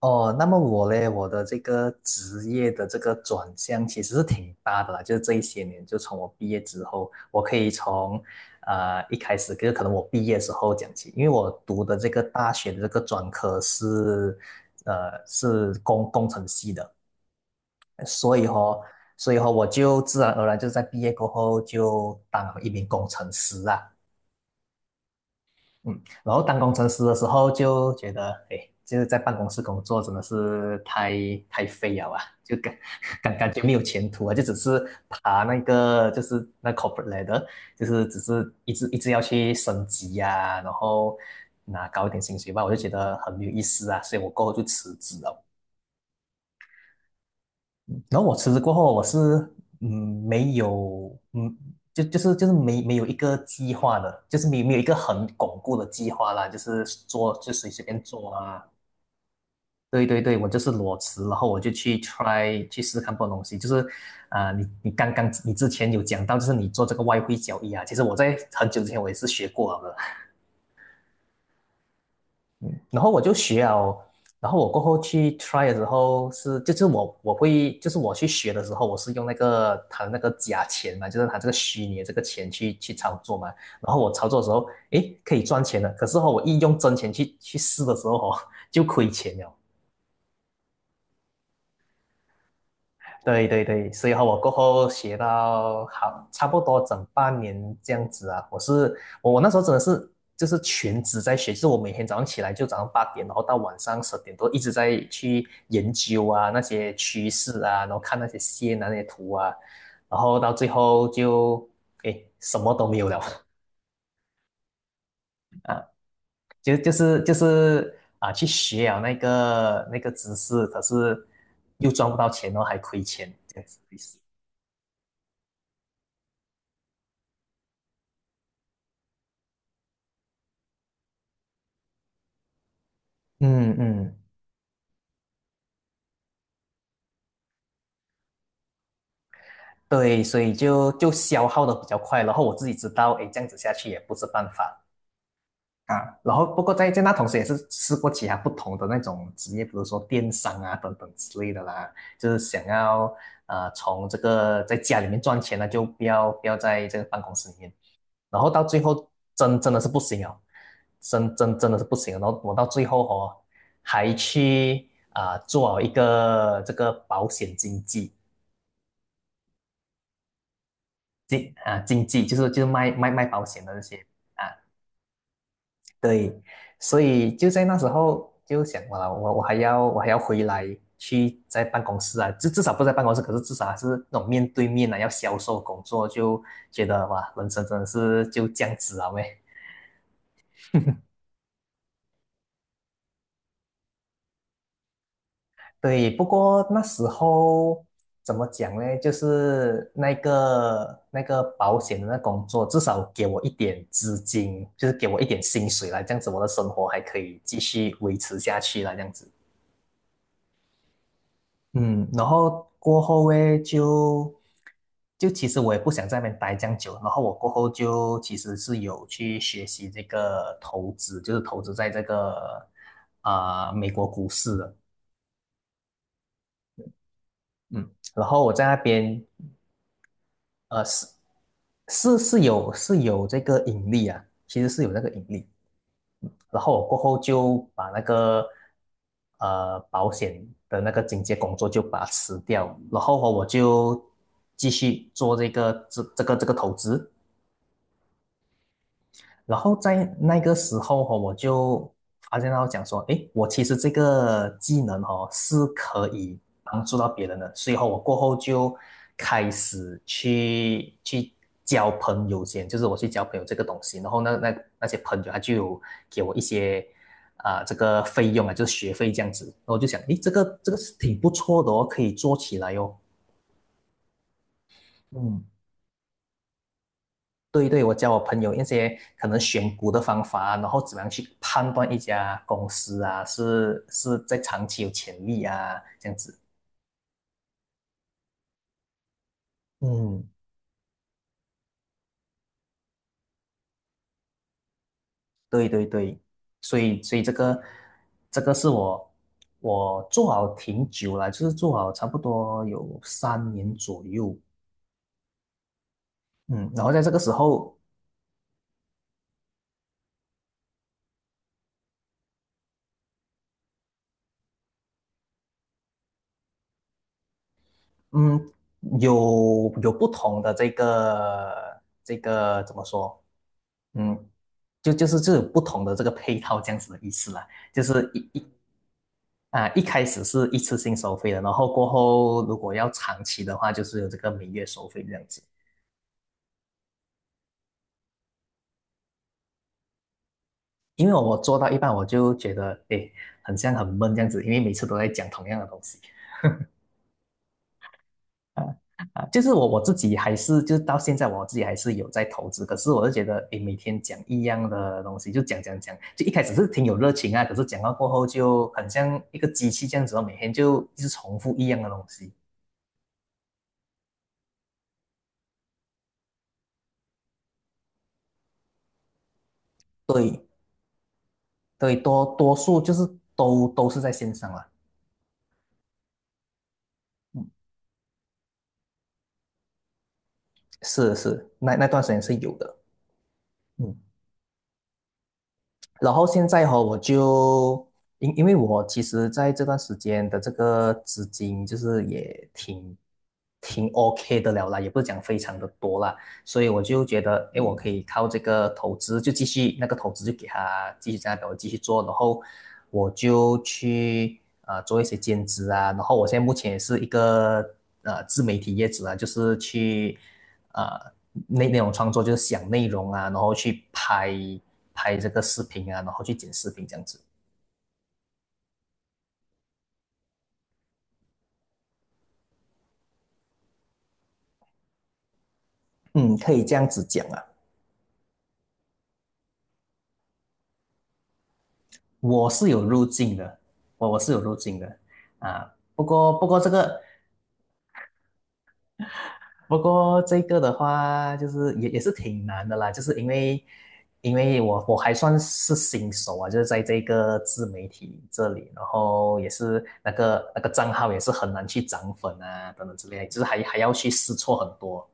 哦，那么我嘞，我的这个职业的这个转向其实是挺大的啦，就是这一些年，就从我毕业之后，我可以从，一开始就是可能我毕业的时候讲起，因为我读的这个大学的这个专科是，是工程系的，所以哦，所以哦，我就自然而然就在毕业过后就当了一名工程师啊。嗯，然后当工程师的时候就觉得，哎，就是在办公室工作真的是太废了啊，感觉没有前途啊，就只是爬那个就是那 corporate ladder，就是只是一直一直要去升级呀、然后拿高一点薪水吧，我就觉得很没有意思啊，所以我过后就辞职了。然后我辞职过后，我是嗯没有就是没有一个计划的，就是没有一个很巩固的计划啦，就是做就随便做啊。对对对，我就是裸辞，然后我就去 try 去试试看不同东西。就是啊、你你刚刚你之前有讲到，就是你做这个外汇交易啊，其实我在很久之前我也是学过了然后我就学哦，然后我过后去 try 的时候是，就是我会，就是我去学的时候，我是用那个他的那个假钱嘛，就是他这个虚拟的这个钱去操作嘛。然后我操作的时候，诶，可以赚钱的，可是哦，我一用真钱去试的时候哦，就亏钱了。对对对，所以和我过后学到好差不多整半年这样子啊。我是我我那时候真的是就是全职在学，就是我每天早上起来就早上8点，然后到晚上10点多一直在去研究啊那些趋势啊，然后看那些线啊那些图啊，然后到最后就诶什么都没有了，就是啊去学啊那个知识，可是又赚不到钱哦，还亏钱这样子的意思嗯嗯。对，所以就消耗的比较快，然后我自己知道，哎，这样子下去也不是办法啊。然后不过在那同时也是试过其他不同的那种职业，比如说电商啊等等之类的啦，就是想要从这个在家里面赚钱呢，就不要在这个办公室里面。然后到最后真的是不行哦，真的是不行了然后我到最后哦，还去啊、做好一个这个保险经纪。经济就是卖保险的那些啊，对，所以就在那时候就想，哇，我还要回来去在办公室啊，至少不在办公室，可是至少还是那种面对面啊，要销售工作，就觉得哇，人生真的是就这样子啊喂。对，不过那时候怎么讲呢？就是那个保险的那工作，至少给我一点资金，就是给我一点薪水啦，这样子我的生活还可以继续维持下去啦，这样子。嗯，然后过后呢，就其实我也不想在那边待这样久，然后我过后就其实是有去学习这个投资，就是投资在这个啊、美国股市的。嗯，然后我在那边是是是有是有这个引力啊，其实是有那个引力。然后我过后就把那个保险的那个警戒工作就把它辞掉，然后哦我就继续做这个投资，然后在那个时候哈、我就发现到讲说，诶，我其实这个技能哦是可以帮助到别人的，所以哦我过后就开始去交朋友先，就是我去交朋友这个东西，然后那些朋友他就有给我一些啊、这个费用啊，就是学费这样子，然后我就想，诶，这个是挺不错的哦，可以做起来哦，嗯。对对，我教我朋友一些可能选股的方法，然后怎么样去判断一家公司啊，是在长期有潜力啊，这样子。嗯对对对，所以这个是我做好挺久了，就是做好差不多有3年左右，嗯，然后在这个时候，嗯，有不同的这个怎么说，嗯，就是这种不同的这个配套这样子的意思啦，就是一开始是一次性收费的，然后过后如果要长期的话，就是有这个每月收费这样子。因为我做到一半，我就觉得诶，很像很闷这样子，因为每次都在讲同样的东西啊啊，就是我自己还是就是到现在我自己还是有在投资，可是我就觉得诶，每天讲一样的东西，就讲讲讲，就一开始是挺有热情啊，可是讲到过后就很像一个机器这样子哦，每天就一直重复一样的东西。对，对，多数就是都是在线上了。嗯，是是，那段时间是有的。嗯然后现在哈、我就因为我其实在这段时间的这个资金就是也挺 OK 的了啦，也不是讲非常的多啦，所以我就觉得，诶，我可以靠这个投资就继续那个投资就给他继续在那边我继续做，然后我就去做一些兼职啊，然后我现在目前也是一个自媒体业主啊，就是去。啊，内容创作，就是想内容啊，然后去拍这个视频啊，然后去剪视频这样子。嗯，可以这样子讲啊，我是有路径的，我是有路径的啊。不过这个的话，就是也是挺难的啦，就是因为我还算是新手啊，就是在这个自媒体这里，然后也是那个账号也是很难去涨粉啊等等之类的就是还要去试错很多。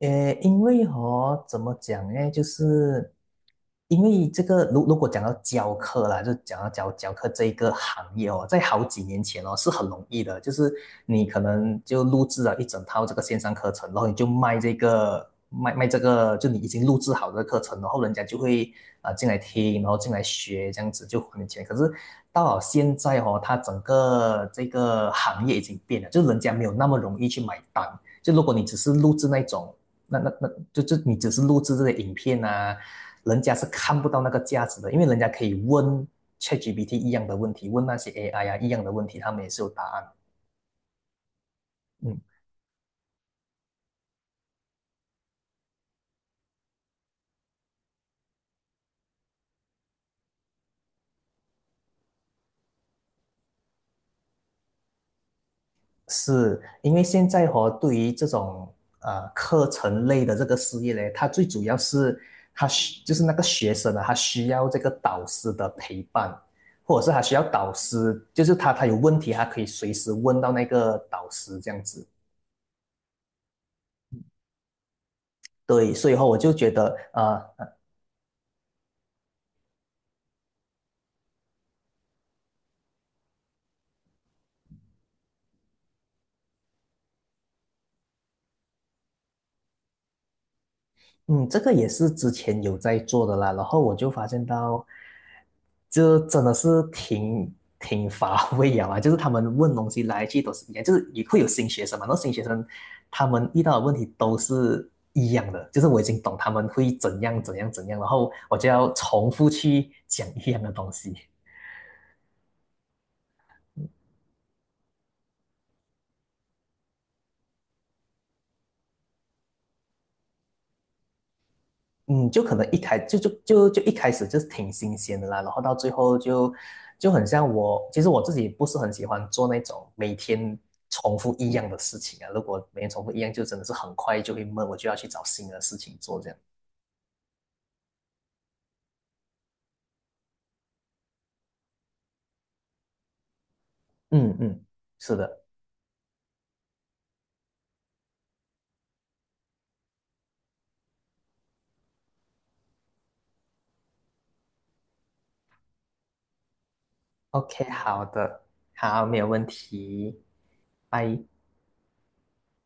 因为哦，怎么讲呢？就是因为这个，如果讲到教课啦，就讲到教课这一个行业哦，在好几年前哦是很容易的，就是你可能就录制了一整套这个线上课程，然后你就卖这个，就你已经录制好的课程，然后人家就会啊、进来听，然后进来学，这样子就还你钱。可是到了现在哦，它整个这个行业已经变了，就人家没有那么容易去买单。就如果你只是录制那种那那那就就你只是录制这些影片啊，人家是看不到那个价值的，因为人家可以问 ChatGPT 一样的问题，问那些 AI 啊一样的问题，他们也是有答案。嗯，是因为现在和、哦、对于这种课程类的这个事业呢，它最主要是就是那个学生啊，他需要这个导师的陪伴。或者是他需要导师，就是他有问题，他可以随时问到那个导师这样子。对，所以后我就觉得，这个也是之前有在做的啦，然后我就发现到，这真的是挺乏 味啊，就是他们问东西来去都是一样，就是也会有新学生嘛，那新学生他们遇到的问题都是一样的，就是我已经懂他们会怎样怎样怎样，然后我就要重复去讲一样的东西。嗯，就可能一开始就是挺新鲜的啦，然后到最后就很像我，其实我自己不是很喜欢做那种每天重复一样的事情啊。如果每天重复一样，就真的是很快就会闷，我就要去找新的事情做这样。嗯嗯，是的。OK，好的，好，没有问题，拜。